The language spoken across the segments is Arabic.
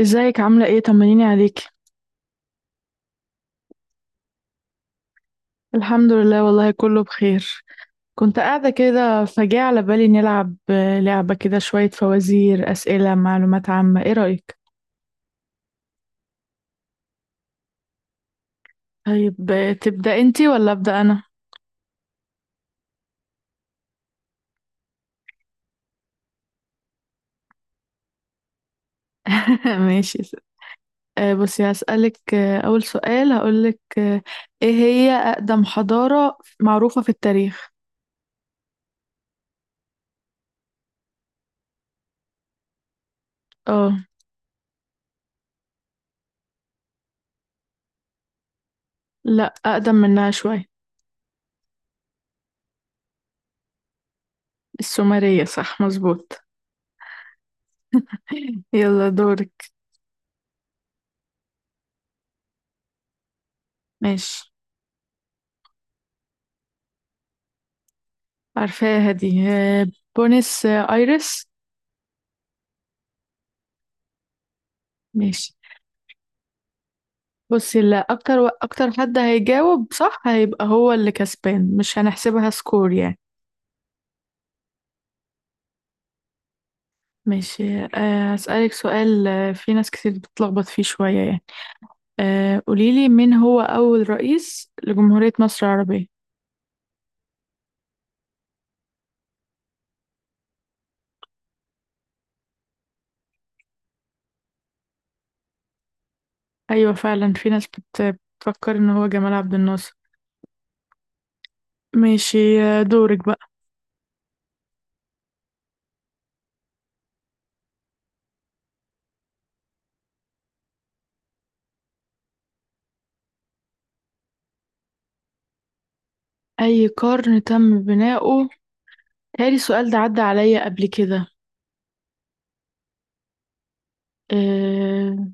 ازيك؟ عاملة ايه؟ طمنيني عليكي. الحمد لله، والله كله بخير. كنت قاعدة كده فجاء على بالي نلعب لعبة كده، شوية فوازير، أسئلة معلومات عامة. ايه رأيك؟ طيب، تبدأ انتي ولا أبدأ أنا؟ ماشي. بصي هسألك، أول سؤال هقولك، ايه هي أقدم حضارة معروفة في التاريخ؟ اه، لا، أقدم منها شوية. السومرية صح، مظبوط. يلا دورك. ماشي. عارفاها دي، بونس ايرس. ماشي. بصي، اللي اكتر اكتر حد هيجاوب صح هيبقى هو اللي كسبان، مش هنحسبها سكور يعني. ماشي، هسألك سؤال، في ناس كتير بتتلخبط فيه شوية يعني. قوليلي، مين هو أول رئيس لجمهورية مصر العربية؟ أيوة، فعلا في ناس بتفكر إن هو جمال عبد الناصر. ماشي، دورك بقى. أي قرن تم بناؤه؟ تالي، السؤال ده عدى عليا قبل كده. آه،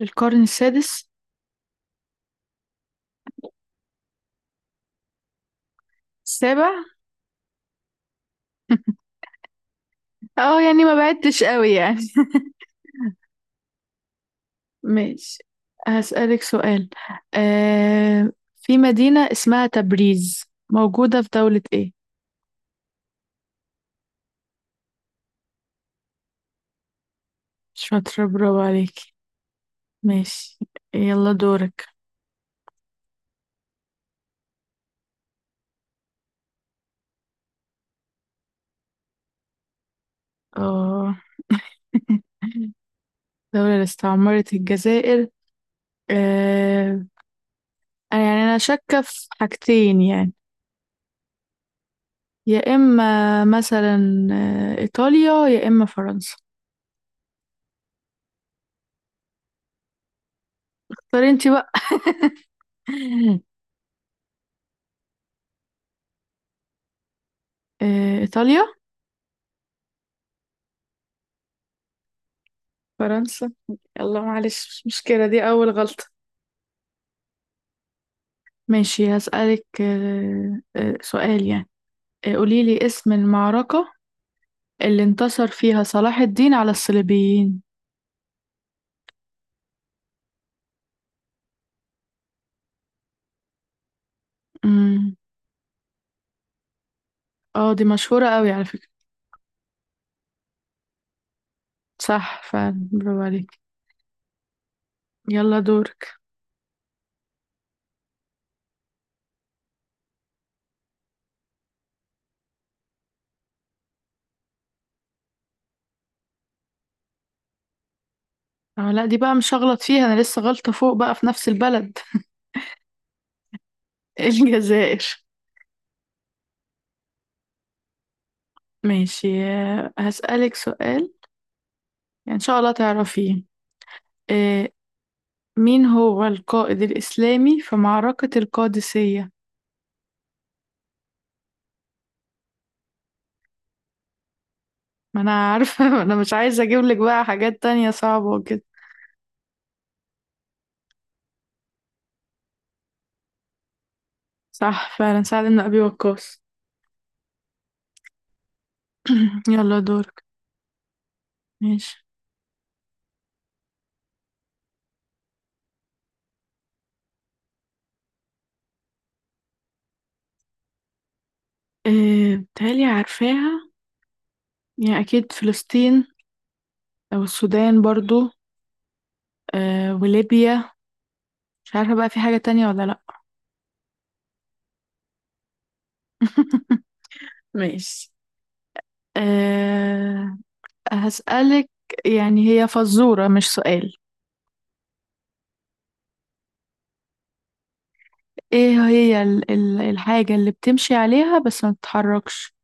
القرن السادس. السابع. اه، يعني ما بعدتش قوي يعني. ماشي، هسألك سؤال. في مدينة اسمها تبريز، موجودة في دولة ايه؟ شاطرة، برافو عليكي. ماشي، يلا دورك. اه. دولة اللي استعمرت الجزائر. آه يعني أنا شاكة في حاجتين يعني. يا إما، مثلا، إيطاليا، يا إما فرنسا. اختاري انتي بقى. إيطاليا. فرنسا. يلا معلش، مش مشكلة، دي أول غلطة. ماشي، هسألك سؤال يعني. قوليلي اسم المعركة اللي انتصر فيها صلاح الدين على الصليبيين. امم. اه، دي مشهورة قوي على فكرة. صح فعلا، برافو عليك. يلا دورك. اه لا، دي بقى مش هغلط فيها، انا لسه غلطة فوق بقى في نفس البلد. الجزائر. ماشي، هسألك سؤال، يعني ان شاء الله تعرفيه. آه، مين هو القائد الإسلامي في معركة القادسية؟ ما انا عارفة. انا مش عايزة اجيب لك بقى حاجات تانية صعبة وكده. صح فعلا، سعد بن ابي وقاص. يلا دورك. ماشي. إيه، بتهيألي عارفاها. يعني اكيد فلسطين، او السودان برضو، إيه، وليبيا. مش عارفة بقى، في حاجة تانية ولا لا. ماشي. إيه، هسألك، يعني هي فزورة مش سؤال. ايه هي ال ال الحاجة اللي بتمشي عليها بس ما بتتحركش؟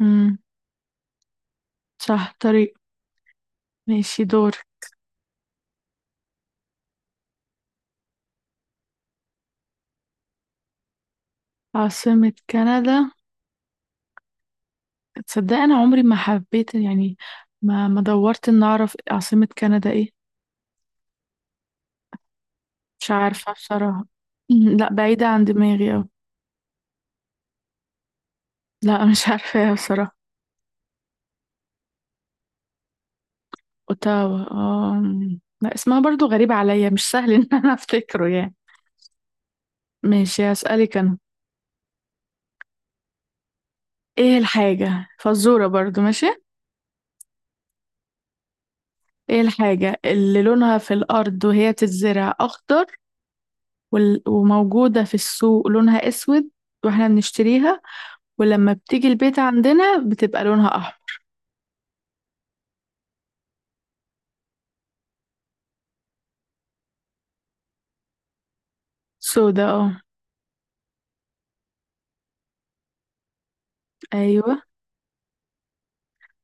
امم. صح، طريق. ماشي، دور. عاصمة كندا؟ تصدق انا عمري ما حبيت يعني، ما دورت ان اعرف عاصمة كندا ايه. مش عارفة بصراحة. لا، بعيدة عن دماغي اوي. لا، مش عارفة بصراحة. اوتاوا؟ اه. أمم. لا، اسمها برضو غريب عليا، مش سهل ان انا افتكره يعني. ماشي، هسألك انا. ايه الحاجة، فزورة برضو، ماشي. ايه الحاجة اللي لونها في الارض وهي بتتزرع اخضر، وموجودة في السوق لونها اسود، واحنا بنشتريها، ولما بتيجي البيت عندنا بتبقى لونها احمر؟ سودا، اه. ايوه.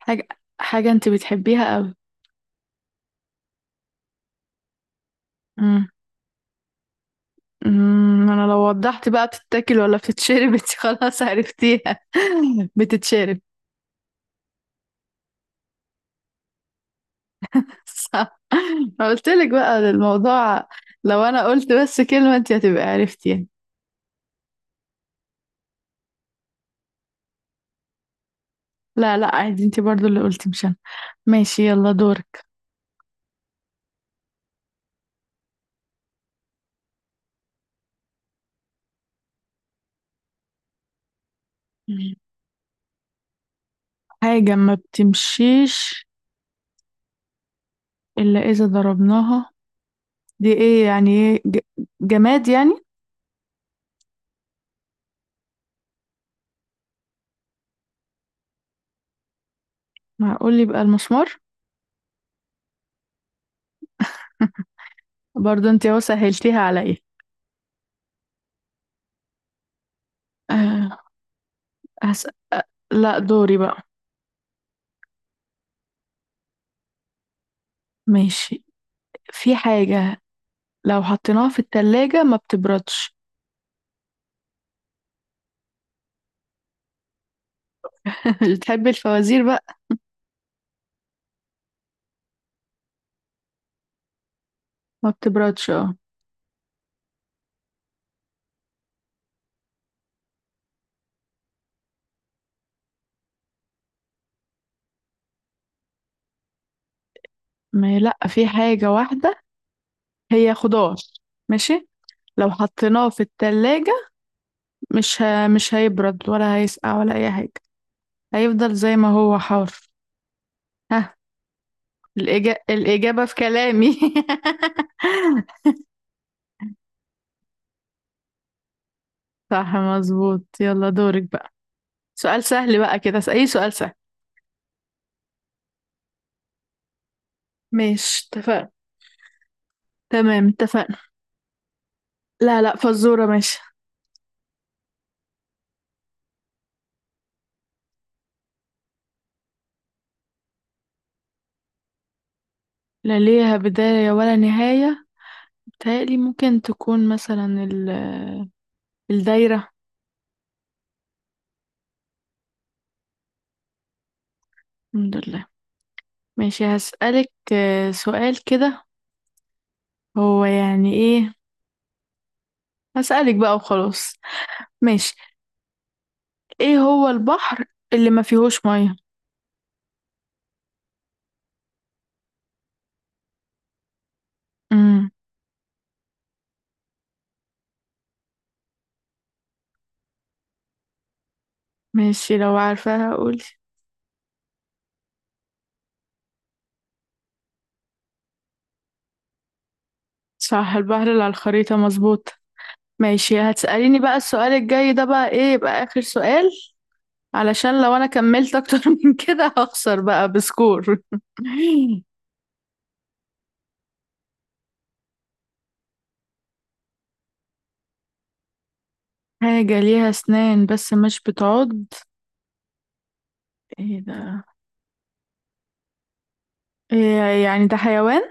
حاجه حاجه انت بتحبيها قوي. امم. انا لو وضحت بقى بتتاكل ولا بتتشرب، انت خلاص عرفتيها. بتتشرب. صح. ما قلت لك بقى الموضوع، لو انا قلت بس كلمه انت هتبقى عرفتي يعني. لا، لا، عادي، انت برضو اللي قلتي مش انا. ماشي، يلا دورك. مم. حاجه ما بتمشيش الا اذا ضربناها، دي ايه؟ يعني ايه، جماد يعني؟ معقول يبقى المسمار؟ برضه انت اهو سهلتيها عليا. أه، هسأل. أه، لا دوري بقى. ماشي. في حاجة لو حطيناها في التلاجة ما بتبردش. مش بتحبي الفوازير بقى؟ ما بتبردش، اه. ما، لا، في حاجة واحدة، هي خضار، ماشي. لو حطيناه في التلاجة مش هيبرد ولا هيسقع ولا أي حاجة، هيفضل زي ما هو حار. ها؟ الإجابة في كلامي. صح مظبوط، يلا دورك بقى، سؤال سهل بقى كده، أي سؤال سهل. ماشي، اتفقنا. تمام، اتفقنا. لا، لا، فزورة ماشي. لا ليها بداية ولا نهاية. بتهيألي ممكن تكون مثلا الدايرة. الحمد لله. ماشي، هسألك سؤال كده هو يعني ايه. هسألك بقى وخلاص. ماشي. ايه هو البحر اللي ما فيهوش مية؟ امم. ماشي، لو عارفاها قولي. صح، البحر اللي على الخريطة، مظبوط. ماشي، هتسأليني بقى السؤال الجاي ده بقى، ايه يبقى آخر سؤال. علشان لو انا كملت اكتر من كده، هخسر بقى بسكور. حاجة ليها اسنان بس مش بتعض؟ ايه ده؟ إيه يعني، ده حيوان؟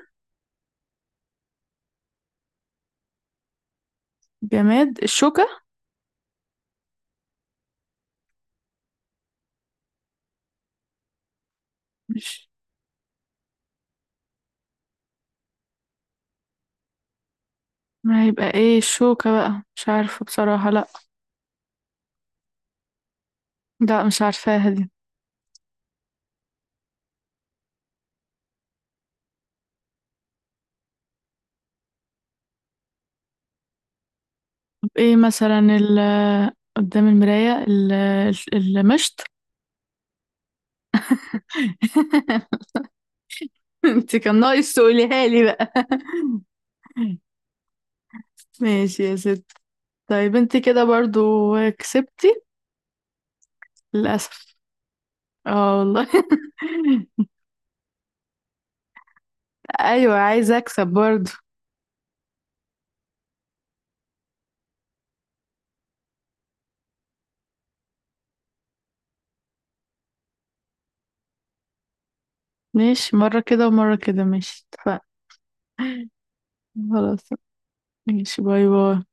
جماد. الشوكة. مش، ما هيبقى ايه الشوكة بقى، مش عارفة بصراحة، لا. لا، مش عارفاها دي. طب ايه مثلا قدام المراية. المشط. انت كان ناقص تقوليها لي بقى. ماشي يا ست. طيب انت كده برضو كسبتي، للأسف. اه والله. ايوه، عايزه اكسب برضه. ماشي، مره كده ومره كده، ماشي اتفقنا. خلاص. ماشي، باي باي.